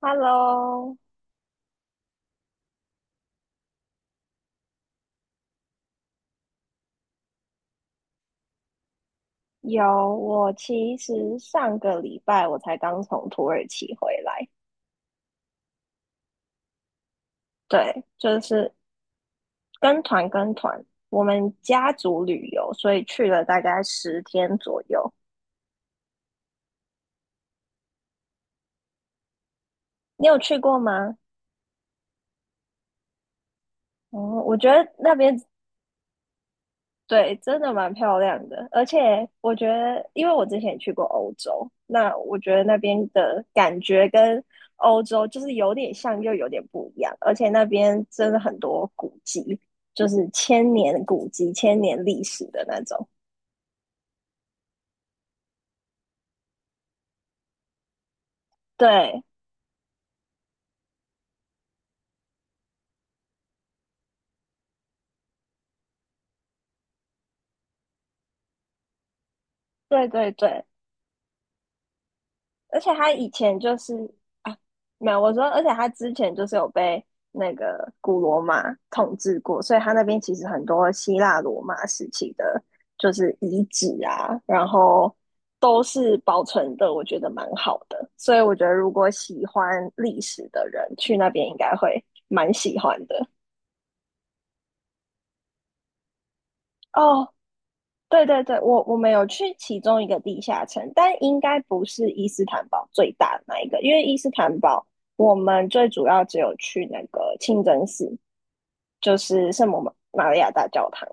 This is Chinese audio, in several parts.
Hello，有，我其实上个礼拜我才刚从土耳其回来。对，就是跟团跟团，我们家族旅游，所以去了大概十天左右。你有去过吗？嗯，我觉得那边对，真的蛮漂亮的。而且我觉得，因为我之前也去过欧洲，那我觉得那边的感觉跟欧洲就是有点像，又有点不一样，而且那边真的很多古迹，就是千年古迹、千年历史的那种。对，对对对，而且他以前就是啊，没有，我说，而且他之前就是有被那个古罗马统治过，所以他那边其实很多希腊罗马时期的，就是遗址啊，然后都是保存的，我觉得蛮好的。所以我觉得如果喜欢历史的人去那边，应该会蛮喜欢的。哦，对对对，我们有去其中一个地下城，但应该不是伊斯坦堡最大的那一个。因为伊斯坦堡我们最主要只有去那个清真寺，就是圣母玛利亚大教堂。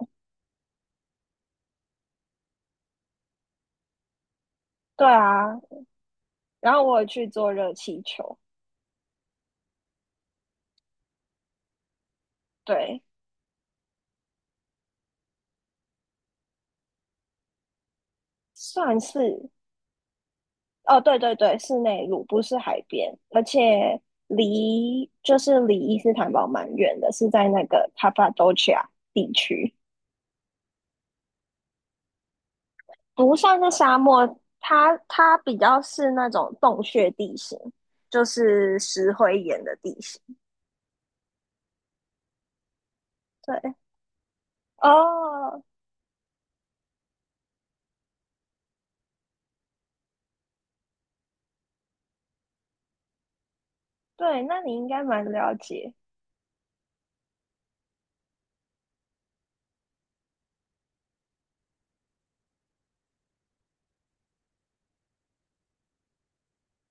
对啊，然后我有去坐热气球。对，算是哦，对对对，是内陆，不是海边，而且离就是离伊斯坦堡蛮远的，是在那个 c 帕多 p a 地区。不算是沙漠，它比较是那种洞穴地形，就是石灰岩的地形。对，哦，对，那你应该蛮了解。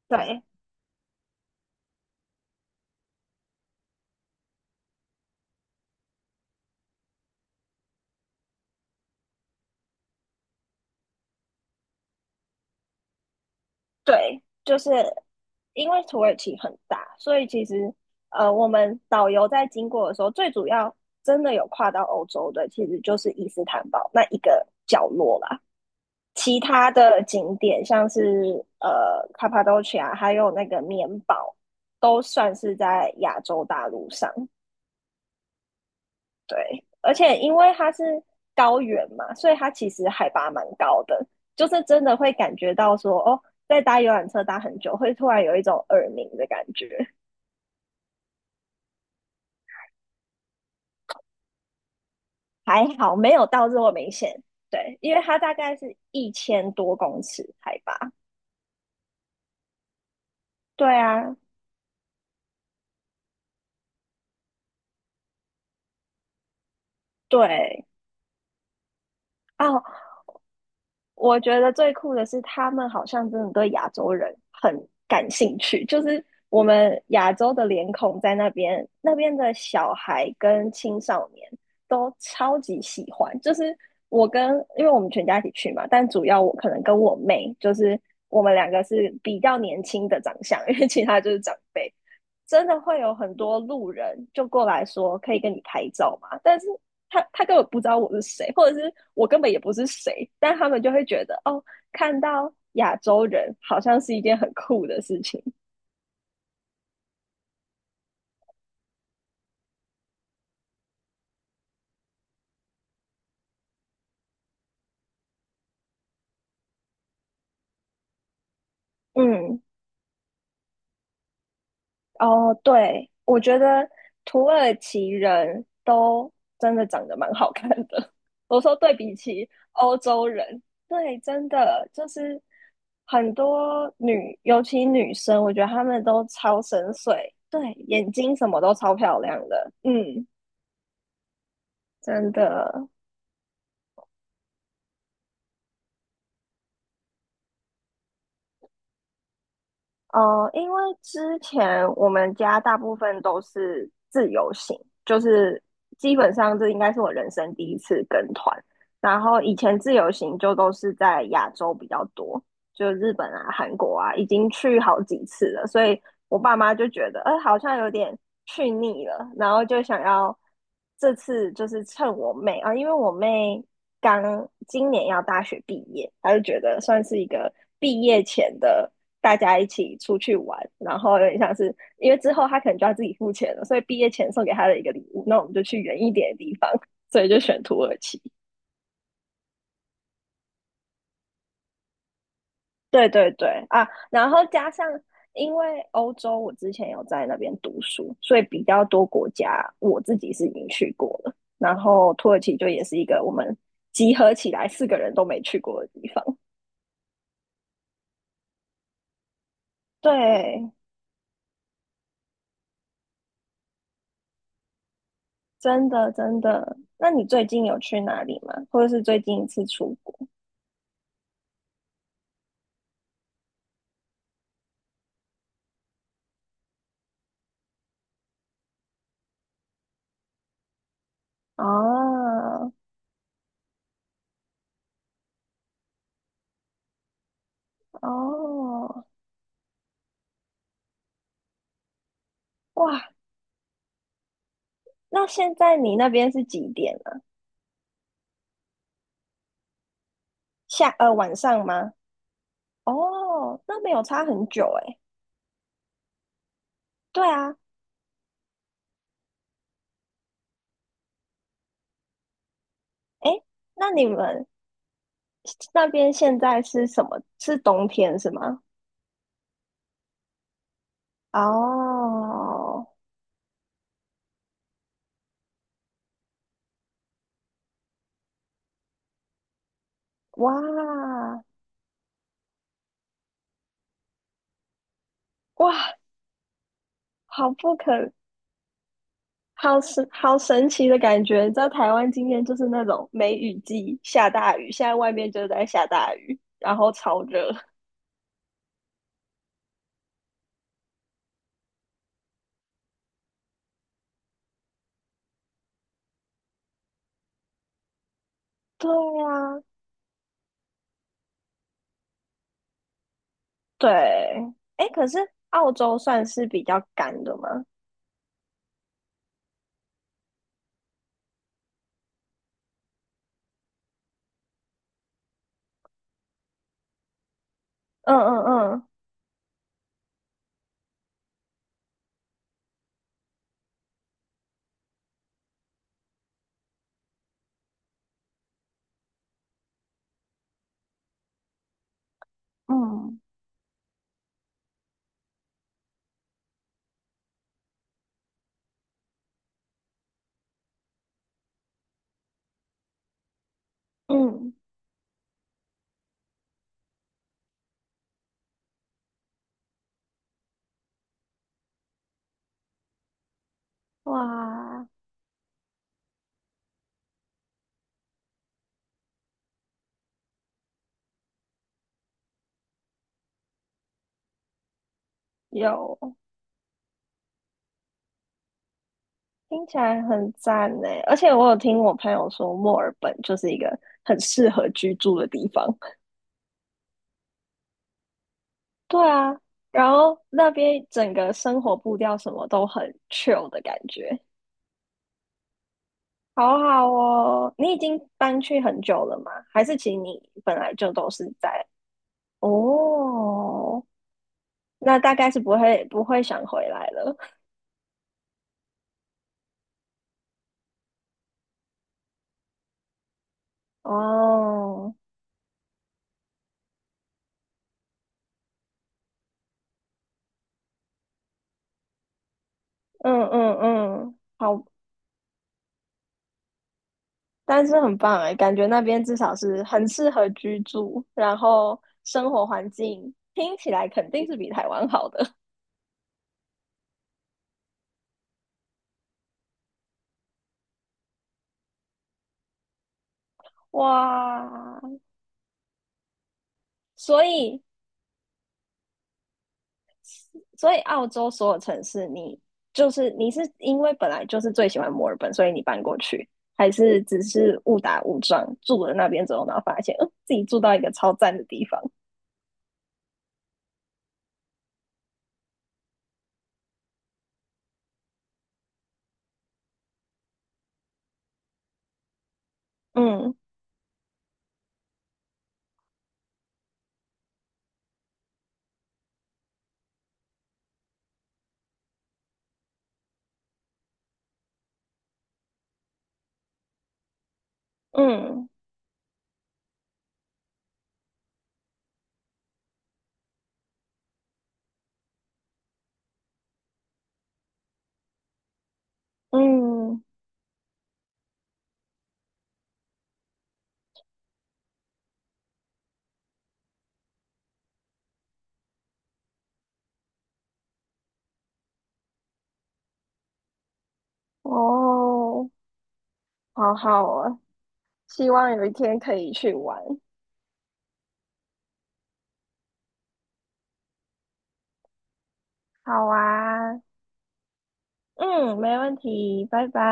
对对，就是因为土耳其很大，所以其实我们导游在经过的时候，最主要真的有跨到欧洲的，其实就是伊斯坦堡那一个角落啦。其他的景点，像是卡帕多奇亚，还有那个棉堡，都算是在亚洲大陆上。对，而且因为它是高原嘛，所以它其实海拔蛮高的，就是真的会感觉到说，哦，在搭游览车搭很久，会突然有一种耳鸣的感觉。还好没有到这么明显，对，因为它大概是一千多公尺海拔。对啊，对。哦，我觉得最酷的是，他们好像真的对亚洲人很感兴趣。就是我们亚洲的脸孔在那边，那边的小孩跟青少年都超级喜欢。就是我跟，因为我们全家一起去嘛，但主要我可能跟我妹，就是我们两个是比较年轻的长相，因为其他就是长辈。真的会有很多路人就过来说可以跟你拍照嘛？但是他根本不知道我是谁，或者是我根本也不是谁，但他们就会觉得哦，看到亚洲人好像是一件很酷的事情。嗯，哦，对，我觉得土耳其人都真的长得蛮好看的。我说对比起欧洲人，对，真的就是很多女，尤其女生，我觉得她们都超深邃。对，眼睛什么都超漂亮的。嗯，真的。因为之前我们家大部分都是自由行，就是基本上这应该是我人生第一次跟团。然后以前自由行就都是在亚洲比较多，就日本啊、韩国啊，已经去好几次了，所以我爸妈就觉得，好像有点去腻了，然后就想要这次就是趁我妹啊，因为我妹刚今年要大学毕业，她就觉得算是一个毕业前的大家一起出去玩，然后有点像是因为之后她可能就要自己付钱了，所以毕业前送给她的一个礼物，那我们就去远一点的地方，所以就选土耳其。对对对啊，然后加上因为欧洲，我之前有在那边读书，所以比较多国家我自己是已经去过了。然后土耳其就也是一个我们集合起来四个人都没去过的地方。对，真的真的。那你最近有去哪里吗？或者是最近一次出国？哦哦，哇，那现在你那边是几点啊？晚上吗？哦，那没有差很久诶。对啊，哎，那你们那边现在是什么？是冬天是吗？哦，哇哇，好不可，好神，好神奇的感觉。你知道台湾今天就是那种梅雨季下大雨，现在外面就在下大雨，然后超热。对呀，对。哎，可是澳洲算是比较干的吗？嗯嗯嗯嗯嗯，哇，有。听起来很赞呢，而且我有听我朋友说，墨尔本就是一个很适合居住的地方。对啊，然后那边整个生活步调什么都很 chill 的感觉，好好哦。你已经搬去很久了吗？还是其实你本来就都是在？哦，那大概是不会不会想回来了。哦，嗯嗯嗯，好但是很棒哎，感觉那边至少是很适合居住，然后生活环境听起来肯定是比台湾好的。哇，所以所以澳洲所有城市你，就是你是因为本来就是最喜欢墨尔本，所以你搬过去，还是只是误打误撞住了那边之后，然后发现，嗯，自己住到一个超赞的地方。嗯嗯嗯，哦，好好啊，希望有一天可以去玩。好啊，嗯，没问题，拜拜。